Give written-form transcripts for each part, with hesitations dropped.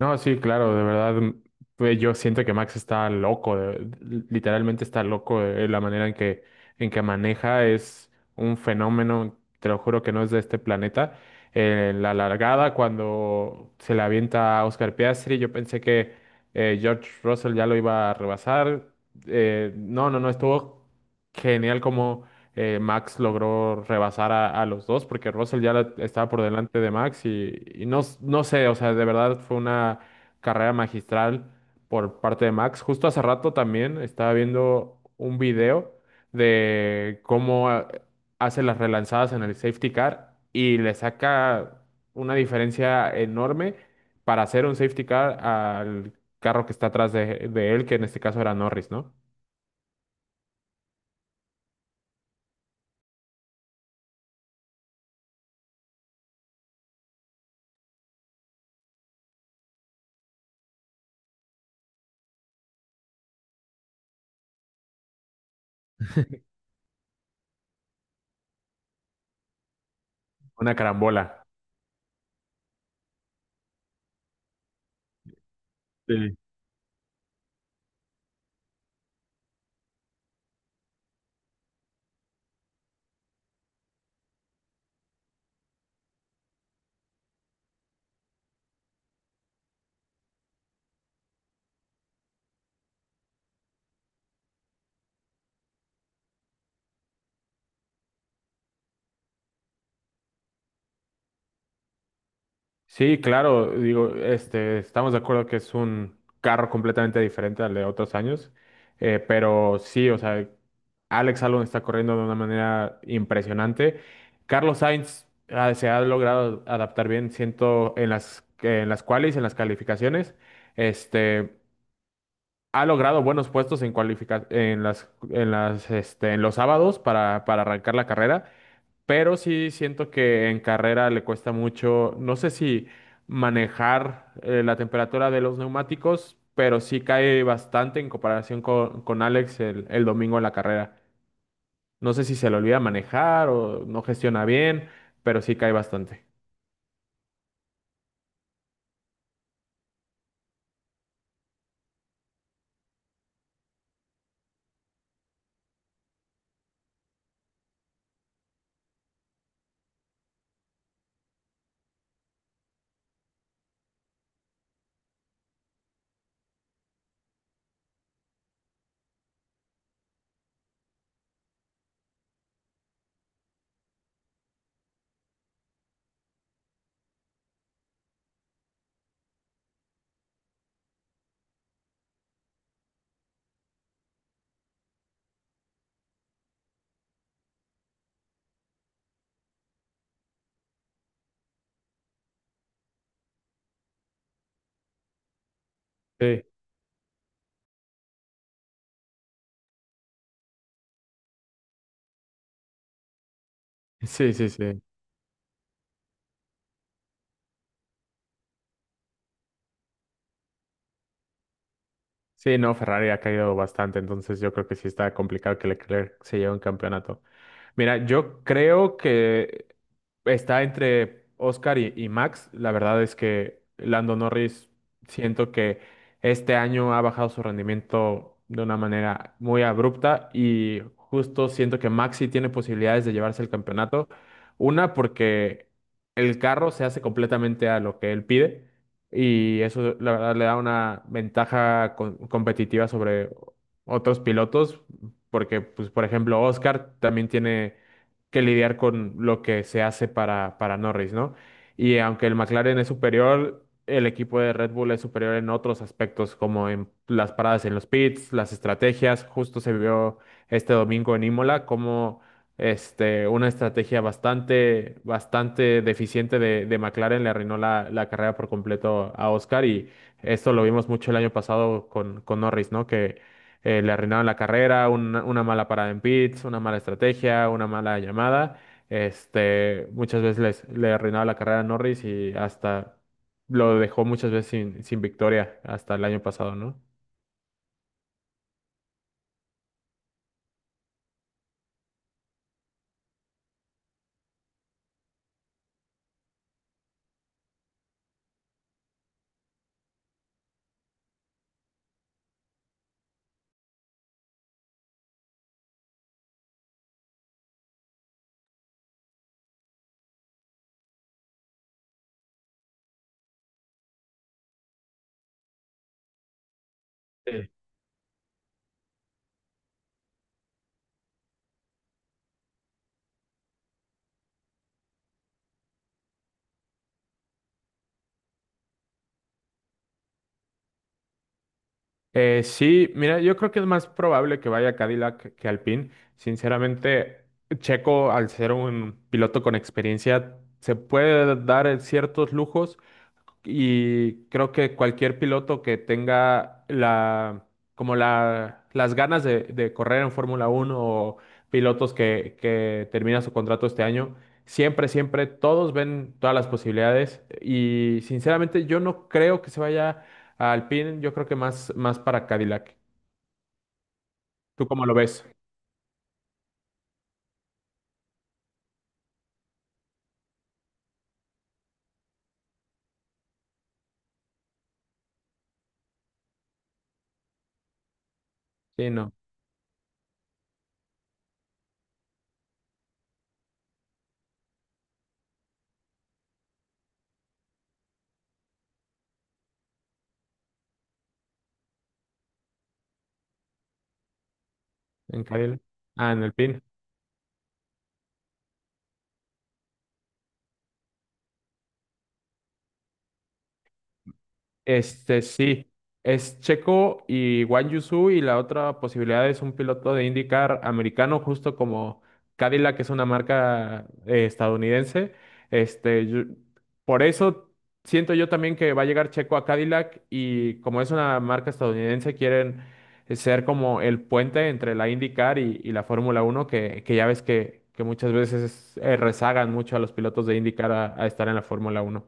No, sí, claro, de verdad, pues yo siento que Max está loco, literalmente está loco de la manera en que maneja, es un fenómeno, te lo juro que no es de este planeta. En la largada, cuando se le avienta a Oscar Piastri, yo pensé que George Russell ya lo iba a rebasar. No, no, no, estuvo genial como Max logró rebasar a los dos porque Russell ya estaba por delante de Max y no, no sé, o sea, de verdad fue una carrera magistral por parte de Max. Justo hace rato también estaba viendo un video de cómo hace las relanzadas en el safety car y le saca una diferencia enorme para hacer un safety car al carro que está atrás de él, que en este caso era Norris, ¿no? Una carambola. Sí. Sí, claro, digo, este, estamos de acuerdo que es un carro completamente diferente al de otros años, pero sí, o sea, Alex Albon está corriendo de una manera impresionante. Carlos Sainz se ha logrado adaptar bien, siento, en las qualis, en las calificaciones, este, ha logrado buenos puestos en cualifica- en las, este, en los sábados para arrancar la carrera. Pero sí siento que en carrera le cuesta mucho, no sé si manejar la temperatura de los neumáticos, pero sí cae bastante en comparación con Alex el domingo en la carrera. No sé si se le olvida manejar o no gestiona bien, pero sí cae bastante. Sí, sí, sí, sí. Sí, no, Ferrari ha caído bastante, entonces yo creo que sí está complicado que Leclerc se lleve un campeonato. Mira, yo creo que está entre Oscar y Max. La verdad es que Lando Norris siento que este año ha bajado su rendimiento de una manera muy abrupta y justo siento que Max sí tiene posibilidades de llevarse el campeonato. Una, porque el carro se hace completamente a lo que él pide y eso la verdad le da una ventaja competitiva sobre otros pilotos porque, pues, por ejemplo, Oscar también tiene que lidiar con lo que se hace para Norris, ¿no? Y aunque el McLaren es superior, el equipo de Red Bull es superior en otros aspectos, como en las paradas en los pits, las estrategias. Justo se vio este domingo en Imola como este, una estrategia bastante, bastante deficiente de McLaren le arruinó la carrera por completo a Oscar y esto lo vimos mucho el año pasado con Norris, ¿no? Le arruinaron la carrera, una mala parada en pits, una mala estrategia, una mala llamada. Muchas veces le arruinaba la carrera a Norris y hasta lo dejó muchas veces sin victoria hasta el año pasado, ¿no? Sí. Sí, mira, yo creo que es más probable que vaya Cadillac que Alpine. Sinceramente, Checo, al ser un piloto con experiencia, se puede dar ciertos lujos. Y creo que cualquier piloto que tenga la, como la, las ganas de correr en Fórmula Uno o pilotos que termina su contrato este año, siempre, siempre todos ven todas las posibilidades. Y sinceramente yo no creo que se vaya a Alpine, yo creo que más, más para Cadillac. ¿Tú cómo lo ves? Sí, no, en Cadillac. Ah, en Alpine. Este sí, es Checo y Guan Yu Zhou, y la otra posibilidad es un piloto de IndyCar americano, justo como Cadillac, que es una marca estadounidense. Este, yo- por eso siento yo también que va a llegar Checo a Cadillac y como es una marca estadounidense, quieren ser como el puente entre la IndyCar y la Fórmula Uno que ya ves que muchas veces rezagan mucho a los pilotos de IndyCar a estar en la Fórmula Uno.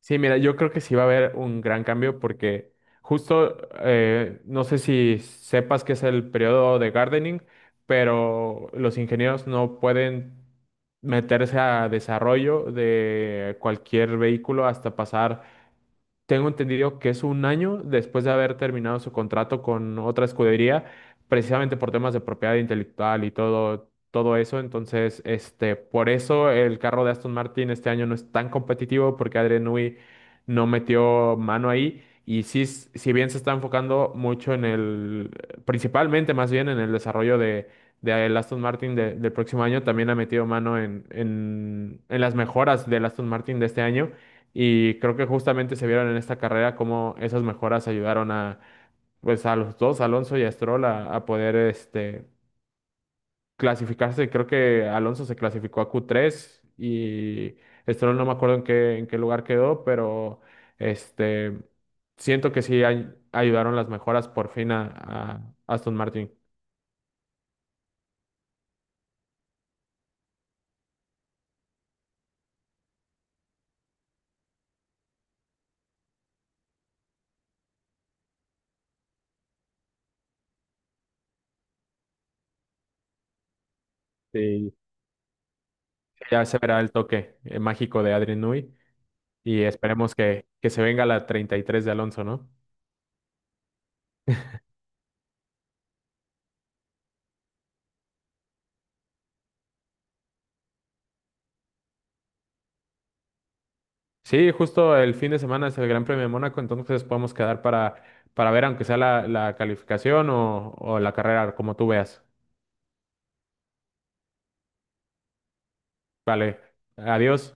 Sí, mira, yo creo que sí va a haber un gran cambio porque justo, no sé si sepas que es el periodo de gardening, pero los ingenieros no pueden meterse a desarrollo de cualquier vehículo hasta pasar tengo entendido que es un año después de haber terminado su contrato con otra escudería, precisamente por temas de propiedad intelectual y todo, todo eso. Entonces, por eso el carro de Aston Martin este año no es tan competitivo porque Adrian Newey no metió mano ahí. Y sí, si bien se está enfocando mucho en el, principalmente más bien en el desarrollo de el Aston Martin del próximo año, también ha metido mano en, en las mejoras del Aston Martin de este año. Y creo que justamente se vieron en esta carrera cómo esas mejoras ayudaron a, pues, a los dos, Alonso y a Stroll, a poder clasificarse. Creo que Alonso se clasificó a Q3 y Stroll no me acuerdo en qué lugar quedó, pero este, siento que sí ayudaron las mejoras por fin a Aston Martin. Y ya se verá el toque mágico de Adrian Newey y esperemos que se venga la 33 de Alonso, ¿no? Sí, justo el fin de semana es el Gran Premio de Mónaco, entonces podemos quedar para ver, aunque sea la calificación o la carrera, como tú veas. Vale, adiós.